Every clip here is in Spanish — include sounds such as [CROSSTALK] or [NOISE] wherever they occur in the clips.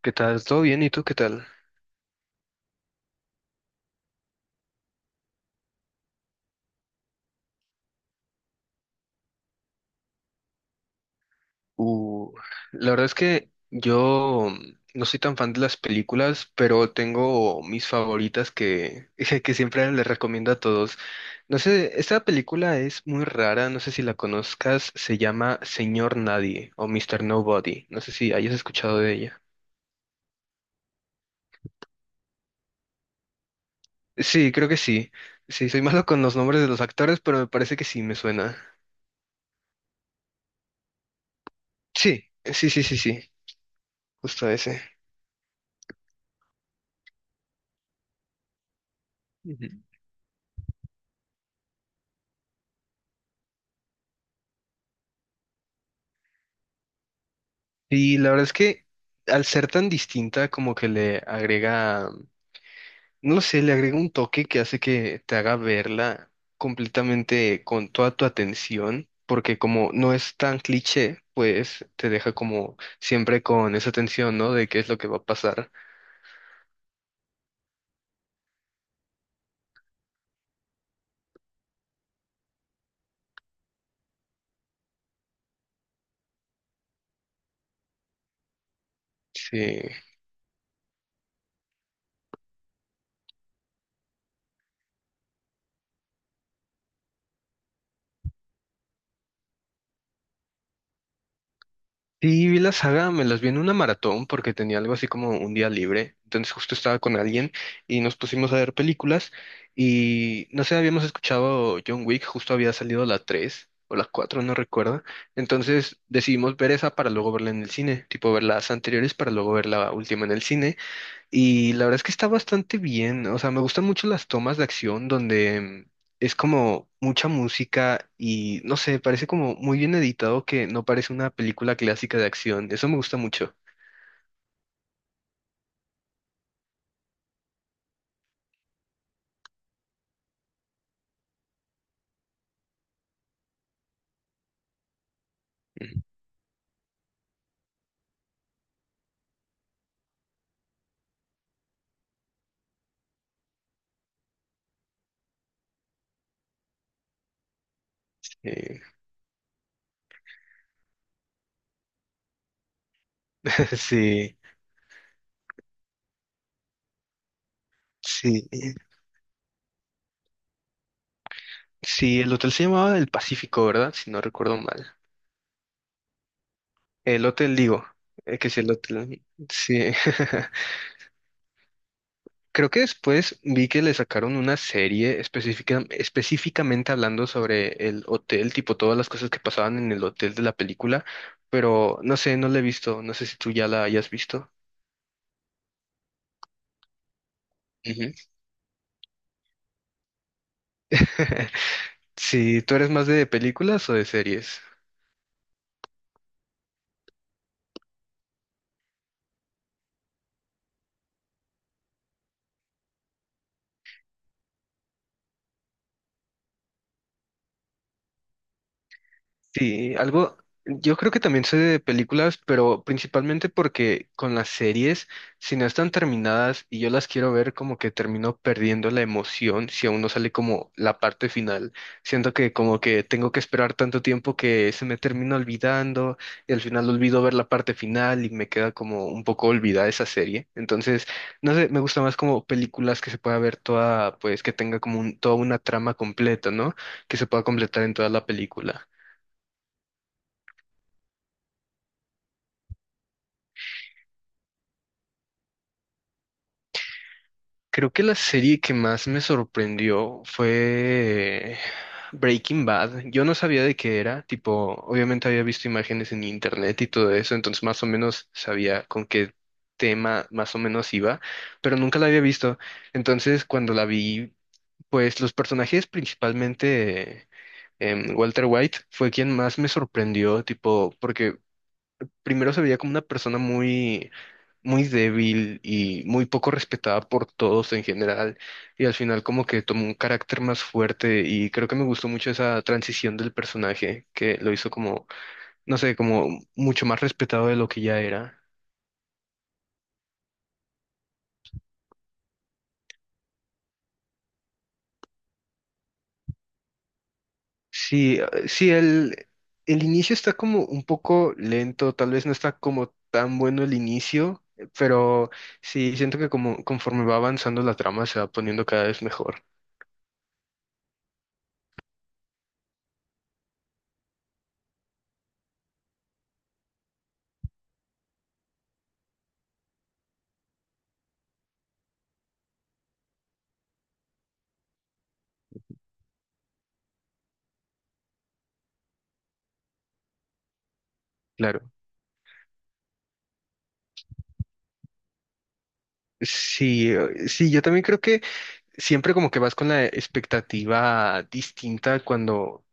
¿Qué tal? ¿Todo bien? ¿Y tú qué tal? Uh, la verdad es que yo no soy tan fan de las películas, pero tengo mis favoritas [LAUGHS] que siempre les recomiendo a todos. No sé, esta película es muy rara, no sé si la conozcas, se llama Señor Nadie o Mr. Nobody. No sé si hayas escuchado de ella. Sí, creo que sí. Sí, soy [LAUGHS] malo con los nombres de los actores, pero me parece que sí me suena. Sí, sí, sí, sí, sí, justo ese. Ujú. Y la verdad es que al ser tan distinta, como que le agrega, no lo sé, le agrega un toque que hace que te haga verla completamente con toda tu atención, porque como no es tan cliché, pues te deja como siempre con esa tensión, ¿no? De qué es lo que va a pasar. Sí. Sí, vi la saga, me las vi en una maratón porque tenía algo así como un día libre. Entonces justo estaba con alguien y nos pusimos a ver películas y no sé, habíamos escuchado John Wick, justo había salido la 3 o la 4 no recuerdo. Entonces decidimos ver esa para luego verla en el cine, tipo ver las anteriores para luego ver la última en el cine y la verdad es que está bastante bien. O sea, me gustan mucho las tomas de acción donde es como mucha música y no sé, parece como muy bien editado que no parece una película clásica de acción. Eso me gusta mucho. Mm, eh, [LAUGHS] sí, sí, eh, sí, el hotel se llamaba El Pacífico, ¿verdad? Si no recuerdo mal. El hotel, digo, que es el hotel. Sí. [LAUGHS] Creo que después vi que le sacaron una serie específica, específicamente hablando sobre el hotel, tipo todas las cosas que pasaban en el hotel de la película, pero no sé, no la he visto, no sé si tú ya la hayas visto. Ujú. [LAUGHS] Si ¿tú eres más de películas o de series? Sí, algo, yo creo que también sé de películas, pero principalmente porque con las series, si no están terminadas y yo las quiero ver, como que termino perdiendo la emoción si aún no sale como la parte final. Siento que como que tengo que esperar tanto tiempo que se me termina olvidando y al final olvido ver la parte final y me queda como un poco olvidada esa serie. Entonces, no sé, me gusta más como películas que se pueda ver toda, pues que tenga como un- toda una trama completa, ¿no? Que se pueda completar en toda la película. Creo que la serie que más me sorprendió fue Breaking Bad. Yo no sabía de qué era, tipo, obviamente había visto imágenes en internet y todo eso, entonces más o menos sabía con qué tema más o menos iba, pero nunca la había visto. Entonces, cuando la vi, pues los personajes, principalmente Walter White, fue quien más me sorprendió, tipo, porque primero se veía como una persona muy, muy débil y muy poco respetada por todos en general, y al final como que tomó un carácter más fuerte y creo que me gustó mucho esa transición del personaje que lo hizo como, no sé, como mucho más respetado de lo que ya era. Sí, sí, el inicio está como un poco lento, tal vez no está como tan bueno el inicio, pero sí, siento que como conforme va avanzando la trama se va poniendo cada vez mejor. Claro. Sí, sí, yo también creo que siempre como que vas con la expectativa distinta cuando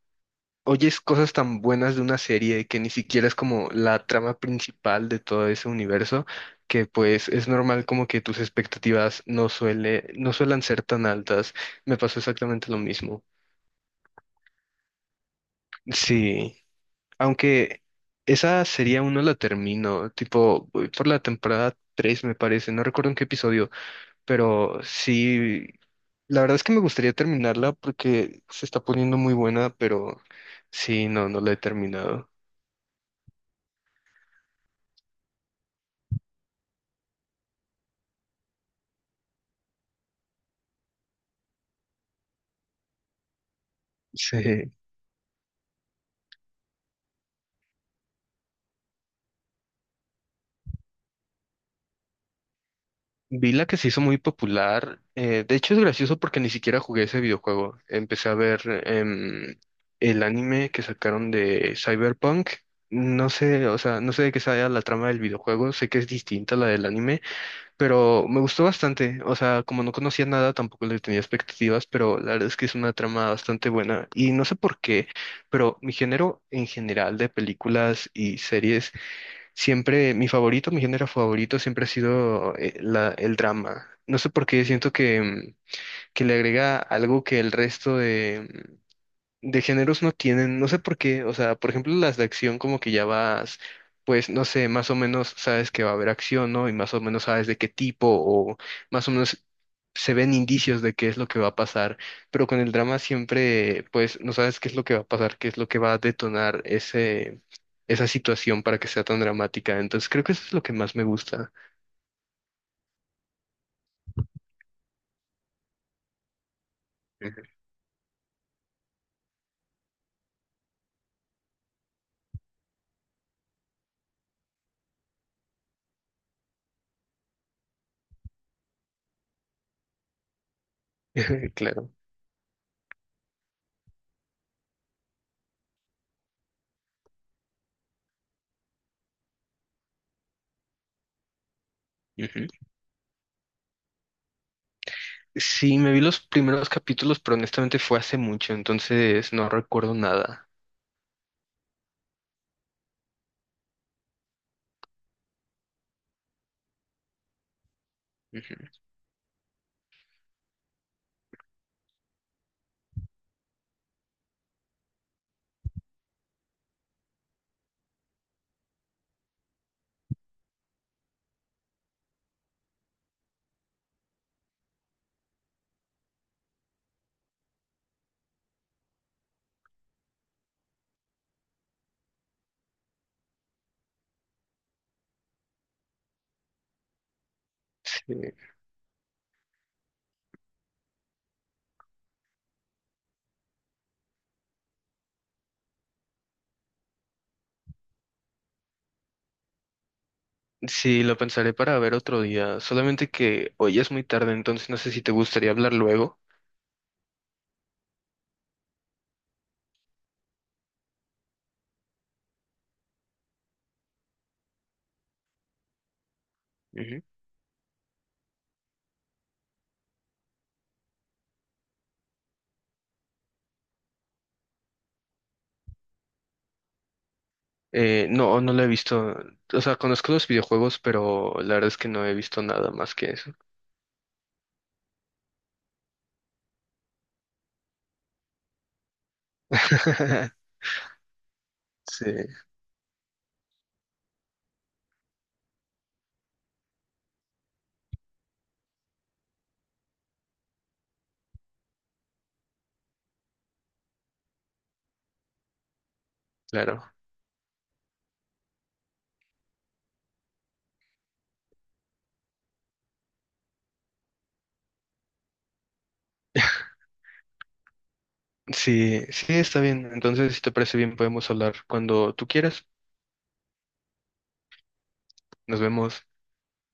oyes cosas tan buenas de una serie que ni siquiera es como la trama principal de todo ese universo, que pues es normal como que tus expectativas no suelen ser tan altas. Me pasó exactamente lo mismo. Sí, aunque esa serie aún no la termino, tipo voy por la temporada 3 me parece, no recuerdo en qué episodio. Pero sí, la verdad es que me gustaría terminarla porque se está poniendo muy buena, pero sí, no, no la he terminado. Sí. Vi la que se hizo muy popular. De hecho, es gracioso porque ni siquiera jugué ese videojuego. Empecé a ver el anime que sacaron de Cyberpunk. No sé, o sea, no sé de qué sea la trama del videojuego. Sé que es distinta a la del anime. Pero me gustó bastante, o sea, como no conocía nada, tampoco le tenía expectativas, pero la verdad es que es una trama bastante buena. Y no sé por qué, pero mi género en general de películas y series, siempre, mi favorito, mi género favorito siempre ha sido el drama. No sé por qué, siento que, que le agrega algo que el resto de géneros no tienen, no sé por qué, o sea, por ejemplo, las de acción como que ya vas, pues, no sé, más o menos sabes que va a haber acción, ¿no? Y más o menos sabes de qué tipo o más o menos se ven indicios de qué es lo que va a pasar, pero con el drama siempre, pues, no sabes qué es lo que va a pasar, qué es lo que va a detonar ese, esa situación para que sea tan dramática. Entonces, creo que eso es lo que más me gusta. Ujú. [LAUGHS] Claro. Ujú. Sí, me vi los primeros capítulos, pero honestamente fue hace mucho, entonces no recuerdo nada. Sí, sí, lo pensaré para ver otro día. Solamente que hoy ya es muy tarde, entonces no sé si te gustaría hablar luego. Ujú. No, no lo he visto. O sea, conozco los videojuegos, pero la verdad es que no he visto nada más que eso. [LAUGHS] Sí, claro. Sí, sí, está bien. Entonces, si te parece bien, podemos hablar cuando tú quieras. Nos vemos.